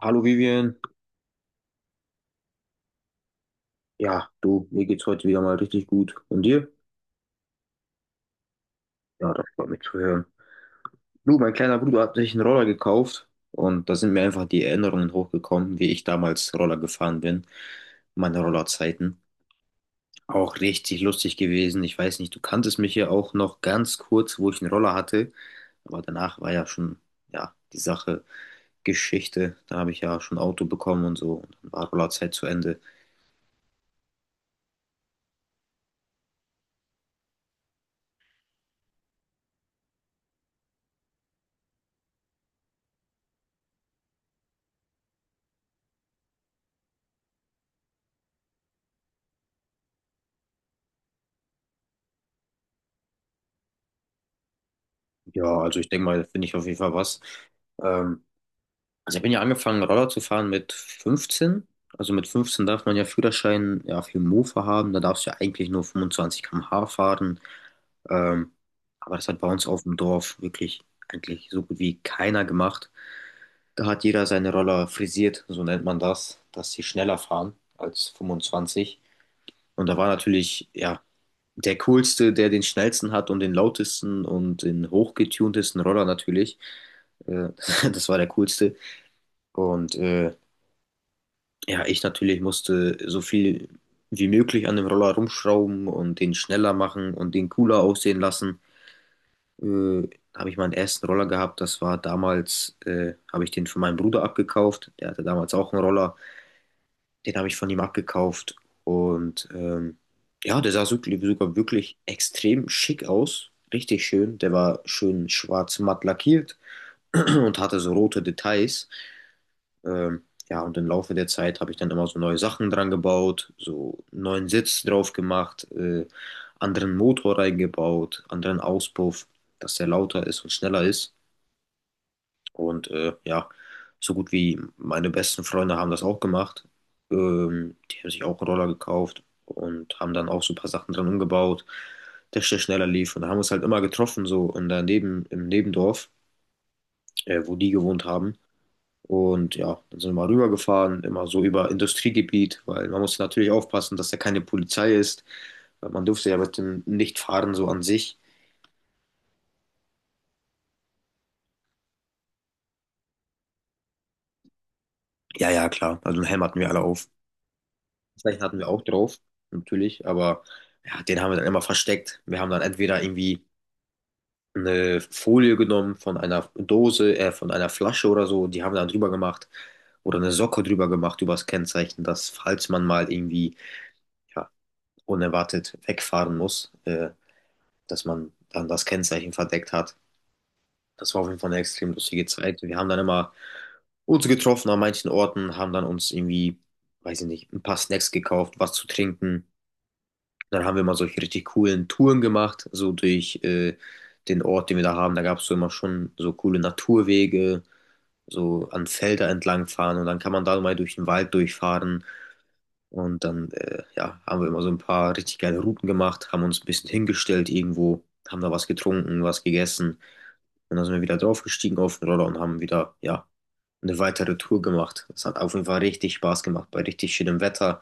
Hallo Vivian, ja, du, mir geht's heute wieder mal richtig gut. Und dir? Ja, das freut mich zu hören. Du, mein kleiner Bruder hat sich einen Roller gekauft und da sind mir einfach die Erinnerungen hochgekommen, wie ich damals Roller gefahren bin, meine Rollerzeiten. Auch richtig lustig gewesen. Ich weiß nicht, du kanntest mich ja auch noch ganz kurz, wo ich einen Roller hatte, aber danach war ja schon, ja, die Sache Geschichte. Da habe ich ja schon ein Auto bekommen und so und dann war Rollerzeit zu Ende. Ja, also ich denke mal, da finde ich auf jeden Fall was. Ähm, Also ich bin ja angefangen, Roller zu fahren mit 15. Also mit 15 darf man ja Führerschein ja, für Mofa haben. Da darfst du ja eigentlich nur 25 km/h fahren. Ähm, aber das hat bei uns auf dem Dorf wirklich eigentlich so gut wie keiner gemacht. Da hat jeder seine Roller frisiert, so nennt man das, dass sie schneller fahren als 25. Und da war natürlich, ja, der coolste, der den schnellsten hat und den lautesten und den hochgetuntesten Roller natürlich. Äh, das war der coolste. Und ja, ich natürlich musste so viel wie möglich an dem Roller rumschrauben und den schneller machen und den cooler aussehen lassen. Äh, da habe ich meinen ersten Roller gehabt. Das war damals, habe ich den von meinem Bruder abgekauft. Der hatte damals auch einen Roller. Den habe ich von ihm abgekauft. Und ja, der sah sogar wirklich extrem schick aus. Richtig schön. Der war schön schwarz matt lackiert und hatte so rote Details. Ja, und im Laufe der Zeit habe ich dann immer so neue Sachen dran gebaut, so einen neuen Sitz drauf gemacht, anderen Motor reingebaut, anderen Auspuff, dass der lauter ist und schneller ist. Und ja, so gut wie meine besten Freunde haben das auch gemacht. Die haben sich auch einen Roller gekauft und haben dann auch so ein paar Sachen dran umgebaut, dass der schneller lief. Und da haben wir uns halt immer getroffen, so in der im Nebendorf, wo die gewohnt haben. Und ja, dann sind wir mal rübergefahren, immer so über Industriegebiet, weil man muss natürlich aufpassen, dass da keine Polizei ist, weil man durfte ja mit dem nicht fahren so an sich. Ja, ja, klar. Also einen Helm hatten wir alle auf. Zeichen hatten wir auch drauf, natürlich, aber ja, den haben wir dann immer versteckt. Wir haben dann entweder irgendwie eine Folie genommen von einer Dose, von einer Flasche oder so, die haben wir dann drüber gemacht oder eine Socke drüber gemacht über das Kennzeichen, dass falls man mal irgendwie ja, unerwartet wegfahren muss, dass man dann das Kennzeichen verdeckt hat. Das war auf jeden Fall eine extrem lustige Zeit. Wir haben dann immer uns getroffen an manchen Orten, haben dann uns irgendwie, weiß ich nicht, ein paar Snacks gekauft, was zu trinken. Dann haben wir mal solche richtig coolen Touren gemacht, so durch den Ort, den wir da haben. Da gab es so immer schon so coole Naturwege, so an Felder entlang fahren und dann kann man da mal durch den Wald durchfahren. Und dann ja, haben wir immer so ein paar richtig geile Routen gemacht, haben uns ein bisschen hingestellt irgendwo, haben da was getrunken, was gegessen. Und dann sind wir wieder draufgestiegen auf den Roller und haben wieder, ja, eine weitere Tour gemacht. Es hat auf jeden Fall richtig Spaß gemacht, bei richtig schönem Wetter,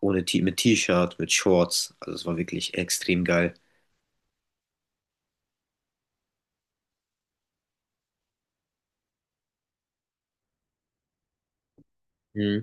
ohne T mit T-Shirt, mit Shorts. Also es war wirklich extrem geil. Mhm.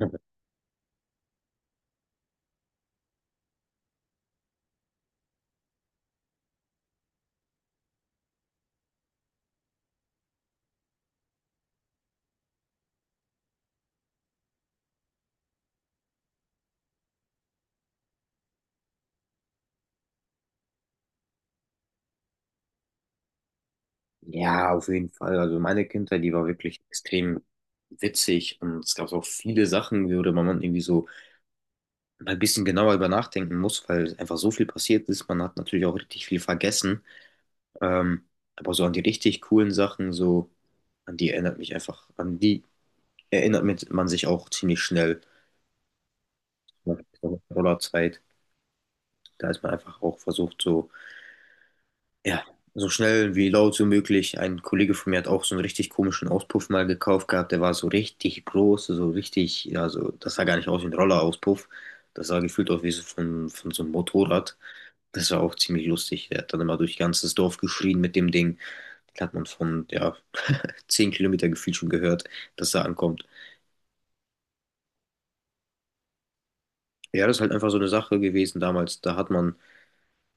Ja, auf jeden Fall. Also meine Kindheit, die war wirklich extrem witzig und es gab auch viele Sachen, worüber man irgendwie so ein bisschen genauer über nachdenken muss, weil einfach so viel passiert ist. Man hat natürlich auch richtig viel vergessen. Ähm, aber so an die richtig coolen Sachen, so an die erinnert mich einfach, an die man sich auch ziemlich schnell nach der Rollerzeit. Da ist man einfach auch versucht, so, ja, so schnell wie laut wie möglich. Ein Kollege von mir hat auch so einen richtig komischen Auspuff mal gekauft gehabt. Der war so richtig groß, so richtig, ja, so, das sah gar nicht aus wie ein Rollerauspuff. Das sah gefühlt aus wie von so einem Motorrad. Das war auch ziemlich lustig. Der hat dann immer durch ganzes Dorf geschrien mit dem Ding. Das hat man von, ja, 10 Kilometer gefühlt schon gehört, dass er ankommt. Ja, das ist halt einfach so eine Sache gewesen damals. Da hat man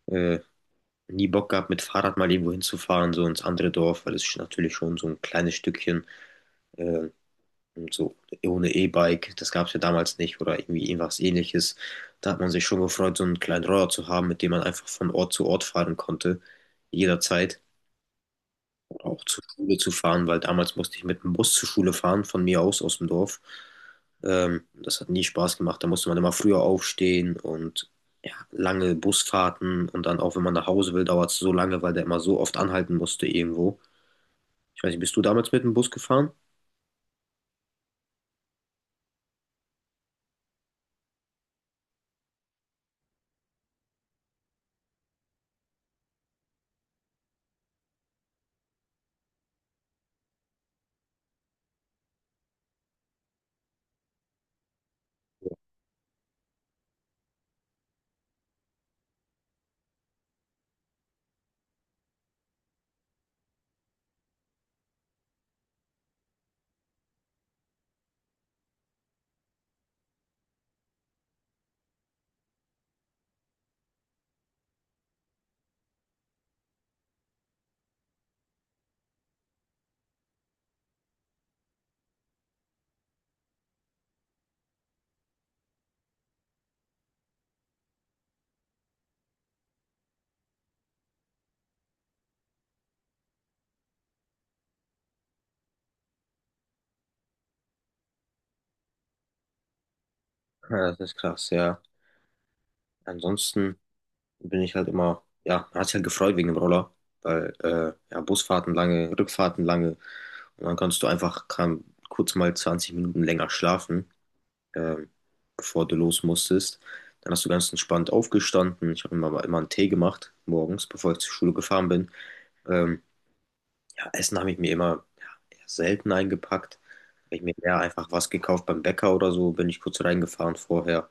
äh, nie Bock gehabt, mit Fahrrad mal irgendwo hinzufahren, so ins andere Dorf, weil es ist natürlich schon so ein kleines Stückchen, äh, und so ohne E-Bike, das gab es ja damals nicht oder irgendwie irgendwas ähnliches. Da hat man sich schon gefreut, so einen kleinen Roller zu haben, mit dem man einfach von Ort zu Ort fahren konnte, jederzeit auch zur Schule zu fahren, weil damals musste ich mit dem Bus zur Schule fahren, von mir aus, aus dem Dorf. Das hat nie Spaß gemacht. Da musste man immer früher aufstehen und ja, lange Busfahrten und dann auch, wenn man nach Hause will, dauert es so lange, weil der immer so oft anhalten musste irgendwo. Ich weiß nicht, bist du damals mit dem Bus gefahren? Ja, das ist krass, ja. Ansonsten bin ich halt immer, ja, man hat sich halt gefreut wegen dem Roller, weil ja, Busfahrten lange, Rückfahrten lange und dann kannst du kurz mal 20 Minuten länger schlafen. ähm, bevor du los musstest. Dann hast du ganz entspannt aufgestanden. Ich habe mir immer einen Tee gemacht morgens, bevor ich zur Schule gefahren bin. Ähm, ja, Essen habe ich mir immer ja, eher selten eingepackt. Habe ich mir eher einfach was gekauft beim Bäcker oder so, bin ich kurz reingefahren vorher.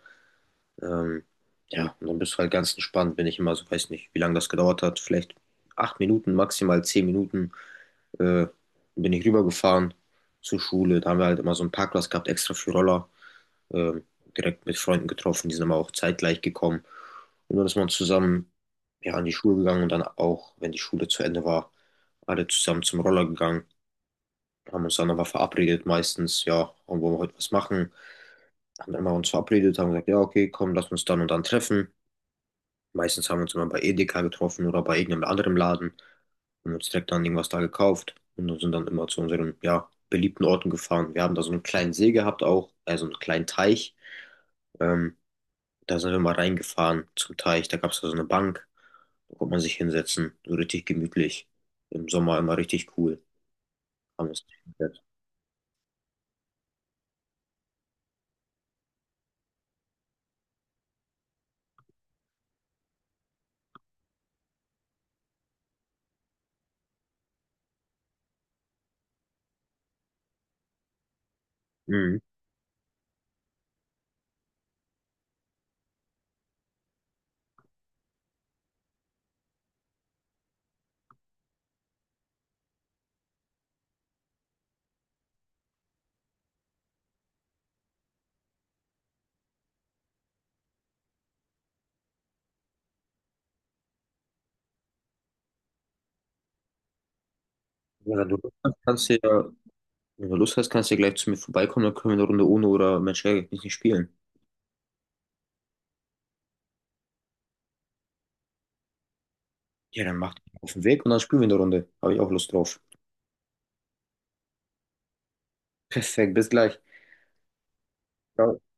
Ähm, ja, und dann bist du halt ganz entspannt, bin ich immer so, weiß nicht, wie lange das gedauert hat, vielleicht 8 Minuten, maximal 10 Minuten, äh, bin ich rübergefahren zur Schule. Da haben wir halt immer so einen Parkplatz gehabt, extra für Roller, ähm, direkt mit Freunden getroffen, die sind immer auch zeitgleich gekommen. Und dann ist man zusammen, ja, an die Schule gegangen und dann auch, wenn die Schule zu Ende war, alle zusammen zum Roller gegangen, haben uns dann aber verabredet meistens, ja, wollen wir heute was machen. Haben immer uns verabredet, haben gesagt, ja, okay, komm, lass uns dann und dann treffen. Meistens haben wir uns immer bei Edeka getroffen oder bei irgendeinem anderen Laden und uns direkt dann irgendwas da gekauft und sind dann immer zu unseren, ja, beliebten Orten gefahren. Wir haben da so einen kleinen See gehabt auch, also einen kleinen Teich. Ähm, da sind wir mal reingefahren zum Teich. Da gab es da so eine Bank, da konnte man sich hinsetzen, so richtig gemütlich. Im Sommer immer richtig cool. Haben wir uns hingesetzt. Mhm. Ja, wenn du Lust hast, kannst du ja, wenn du Lust hast, kannst du ja gleich zu mir vorbeikommen, dann können wir eine Runde ohne oder Mensch, ärgere dich nicht spielen. Ja, dann macht auf den Weg und dann spielen wir eine Runde. Habe ich auch Lust drauf. Perfekt, bis gleich. Ciao.